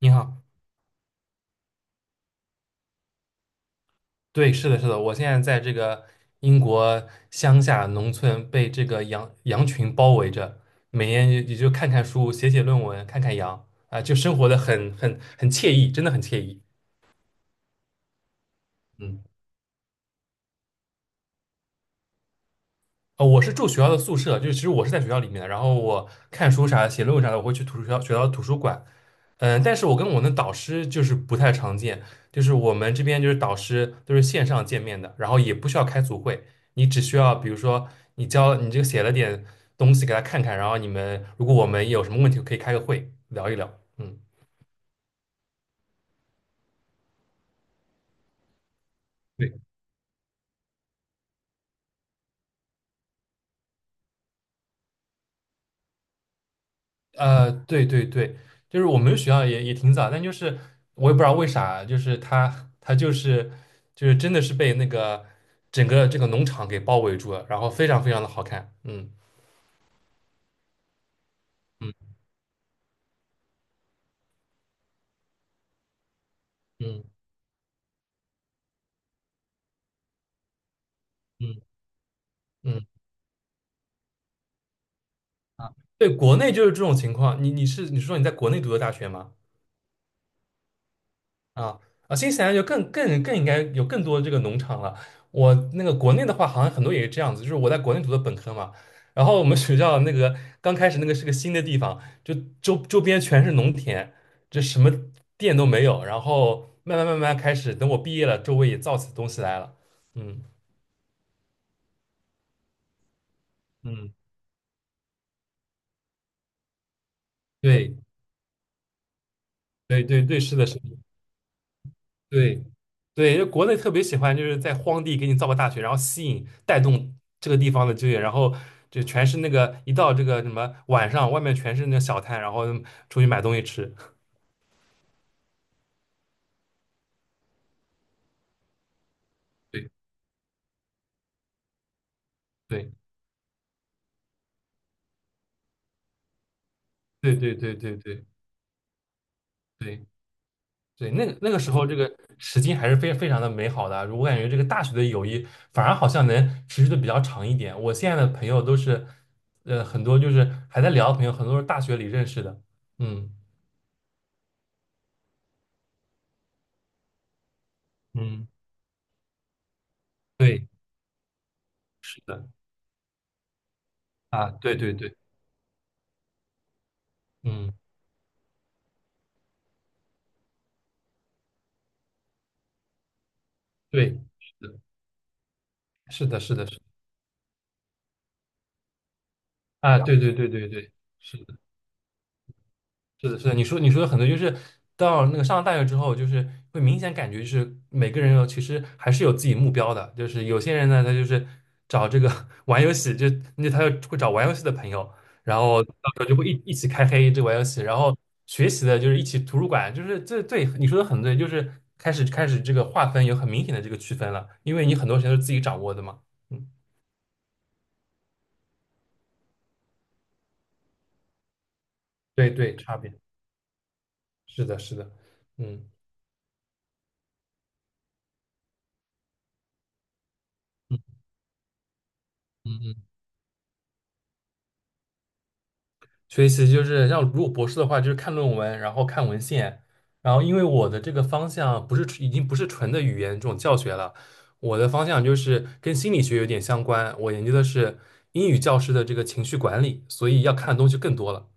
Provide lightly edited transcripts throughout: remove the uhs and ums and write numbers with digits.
你好，对，是的，是的，我现在在这个英国乡下农村，被这个羊群包围着，每天也就看看书，写写论文，看看羊，啊、就生活的很惬意，真的很惬意。嗯。我是住学校的宿舍，就是其实我是在学校里面的，然后我看书啥、写论文啥的，我会去图书学校学校的图书馆。嗯，但是我跟我的导师就是不太常见，就是我们这边就是导师都是线上见面的，然后也不需要开组会，你只需要比如说你教你这个写了点东西给他看看，然后如果我们有什么问题可以开个会聊一聊。嗯，对。对对对，就是我们学校也挺早，但就是我也不知道为啥，就是他就是真的是被那个整个这个农场给包围住了，然后非常非常的好看。嗯嗯嗯嗯。啊，对，国内就是这种情况，你是说你在国内读的大学吗？啊啊，新西兰就更应该有更多这个农场了。我那个国内的话，好像很多也是这样子，就是我在国内读的本科嘛，然后我们学校那个刚开始那个是个新的地方，就周边全是农田，就什么店都没有。然后慢慢慢慢开始，等我毕业了，周围也造起东西来了。嗯嗯。对对对对，是的，是的。对，对，就国内特别喜欢，就是在荒地给你造个大学，然后吸引带动这个地方的就业，然后就全是那个一到这个什么晚上，外面全是那个小摊，然后出去买东西吃。对对对对对对对对对。那个时候这个时间还是非常的美好的啊，我感觉这个大学的友谊反而好像能持续的比较长一点。我现在的朋友都是，很多就是还在聊的朋友，很多是大学里认识的。嗯嗯，对，是的。啊，对对对。嗯，对，是的，是的，是的，啊，对对对对对，是的，是的，是的，你说的很多，就是到那个上了大学之后，就是会明显感觉就是每个人有其实还是有自己目标的，就是有些人呢，他就是找这个 玩游戏，就那他就会找玩游戏的朋友，然后到时候就会一起开黑这玩游戏，然后学习的就是一起图书馆，就是这对你说的很对，就是开始这个划分有很明显的这个区分了，因为你很多时间都是自己掌握的嘛。嗯，对对，差别。是的，是的。嗯嗯嗯嗯。所以其实就是像如果博士的话，就是看论文，然后看文献，然后因为我的这个方向不是纯已经不是纯的语言这种教学了，我的方向就是跟心理学有点相关，我研究的是英语教师的这个情绪管理，所以要看的东西更多了。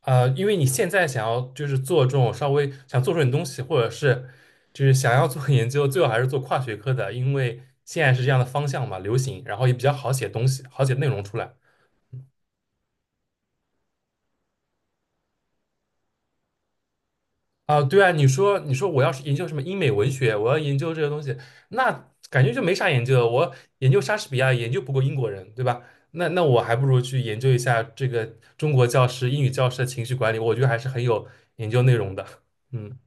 啊、因为你现在想要就是做这种稍微想做出点东西，或者是就是想要做研究，最好还是做跨学科的，因为现在是这样的方向嘛，流行，然后也比较好写东西，好写内容出来。啊，对啊，你说我要是研究什么英美文学，我要研究这个东西，那感觉就没啥研究了。我研究莎士比亚研究不过英国人，对吧？那我还不如去研究一下这个中国教师、英语教师的情绪管理，我觉得还是很有研究内容的。嗯。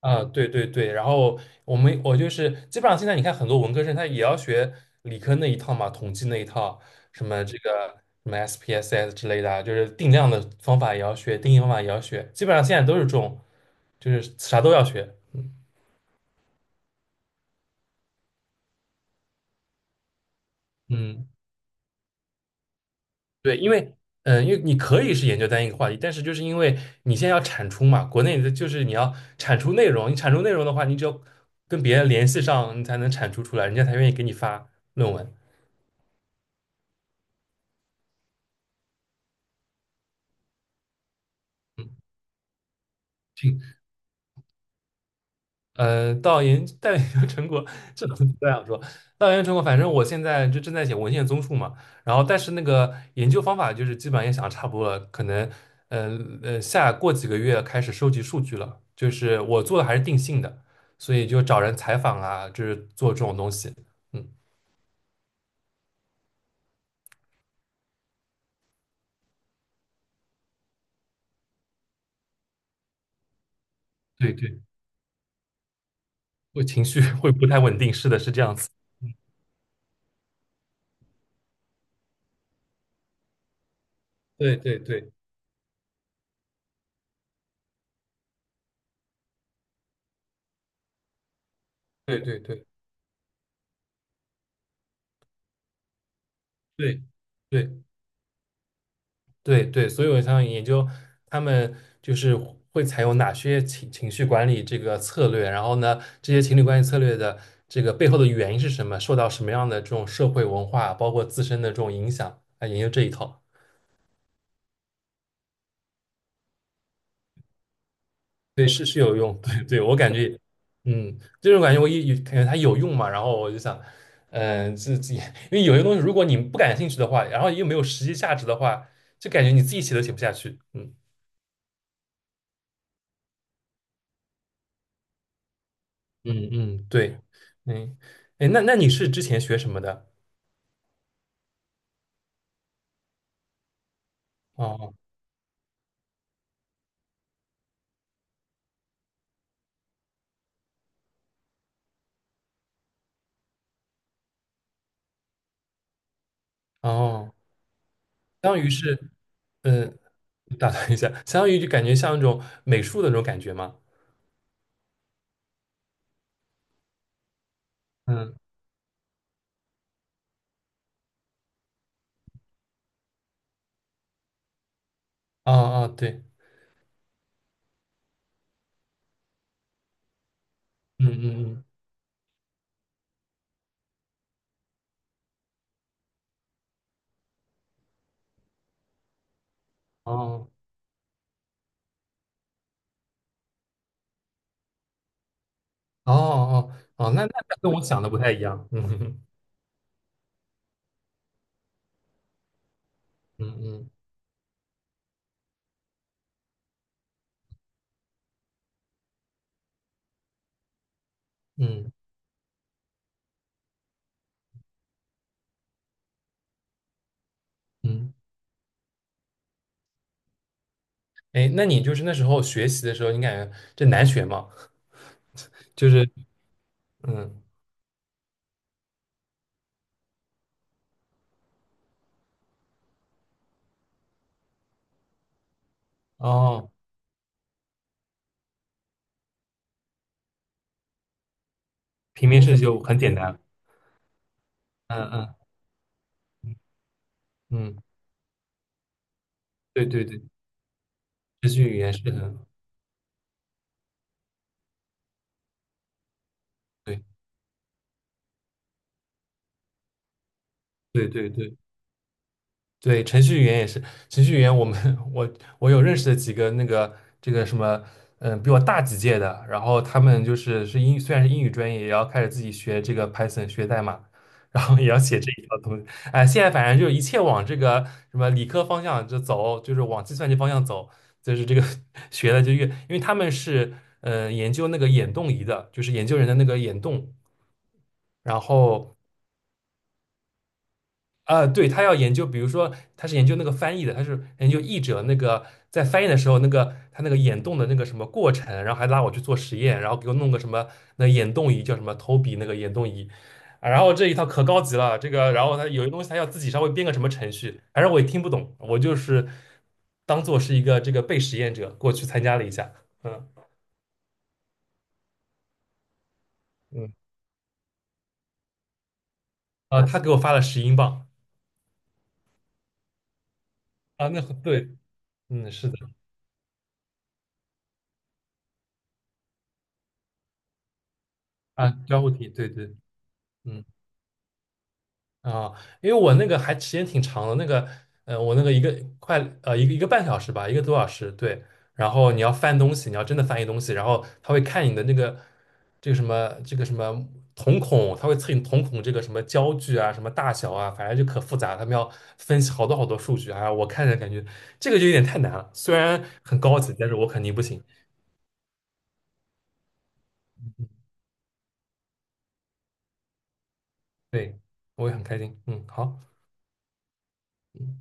啊，对对对，然后我就是基本上现在你看很多文科生他也要学理科那一套嘛，统计那一套，什么这个什么 SPSS 之类的啊就是定量的方法也要学，定义方法也要学，基本上现在都是这种，就是啥都要学。嗯，嗯对，因为你可以是研究单一个话题，但是就是因为你现在要产出嘛，国内的就是你要产出内容，你产出内容的话，你只有跟别人联系上，你才能产出出来，人家才愿意给你发论文。嗯。挺到研究成果，这不这样说。到研究成果，反正我现在就正在写文献综述嘛。然后，但是那个研究方法就是基本上也想差不多了，可能下过几个月开始收集数据了。就是我做的还是定性的，所以就找人采访啊，就是做这种东西。嗯，对对，会情绪会不太稳定，是的，是这样子。对对对对对对对对。对对，所以我想研究他们就是会采用哪些情绪管理这个策略，然后呢，这些情侣关系策略的这个背后的原因是什么，受到什么样的这种社会文化，包括自身的这种影响，来研究这一套。对，是有用，对对，我感觉，嗯，这种感觉我一感觉它有用嘛，然后我就想，嗯、自己因为有些东西如果你不感兴趣的话，然后又没有实际价值的话，就感觉你自己写都写不下去。嗯。嗯嗯，对，嗯，哎，那你是之前学什么的？哦哦，相当于是，呃，打断一下，相当于就感觉像那种美术的那种感觉嘛。嗯，哦哦，对，嗯嗯嗯，哦哦哦哦，那跟我想的不太一样。嗯哼哼。嗯嗯嗯嗯。哎，那你就是那时候学习的时候，你感觉这难学吗？就是嗯，哦，平面设计就很简单。嗯嗯嗯，对对对，视觉语言是很。对。对对对对，程序员也是，程序员我有认识的几个那个这个什么，嗯，比我大几届的，然后他们就是虽然是英语专业，也要开始自己学这个 Python 学代码，然后也要写这一套东西。哎，现在反正就一切往这个什么理科方向就走，就是往计算机方向走，就是这个 学的就越，因为他们是研究那个眼动仪的，就是研究人的那个眼动。然后啊，对，他要研究，比如说他是研究那个翻译的，他是研究译者那个在翻译的时候，那个他那个眼动的那个什么过程，然后还拉我去做实验，然后给我弄个什么那眼动仪，叫什么投笔那个眼动仪，啊，然后这一套可高级了，这个，然后他有些东西他要自己稍微编个什么程序，反正我也听不懂，我就是当做是一个这个被实验者过去参加了一下。嗯。嗯。啊，他给我发了10英镑。啊，那很对，嗯，是的，啊，交互体，对对，嗯。啊，因为我那个还时间挺长的，那个，我那个一个快半小时吧，1个多小时，对。然后你要翻东西，你要真的翻译东西，然后他会看你的那个这个什么瞳孔，他会测你瞳孔这个什么焦距啊，什么大小啊，反正就可复杂，他们要分析好多好多数据啊。我看着感觉这个就有点太难了，虽然很高级，但是我肯定不行。对，我也很开心。嗯，好。嗯。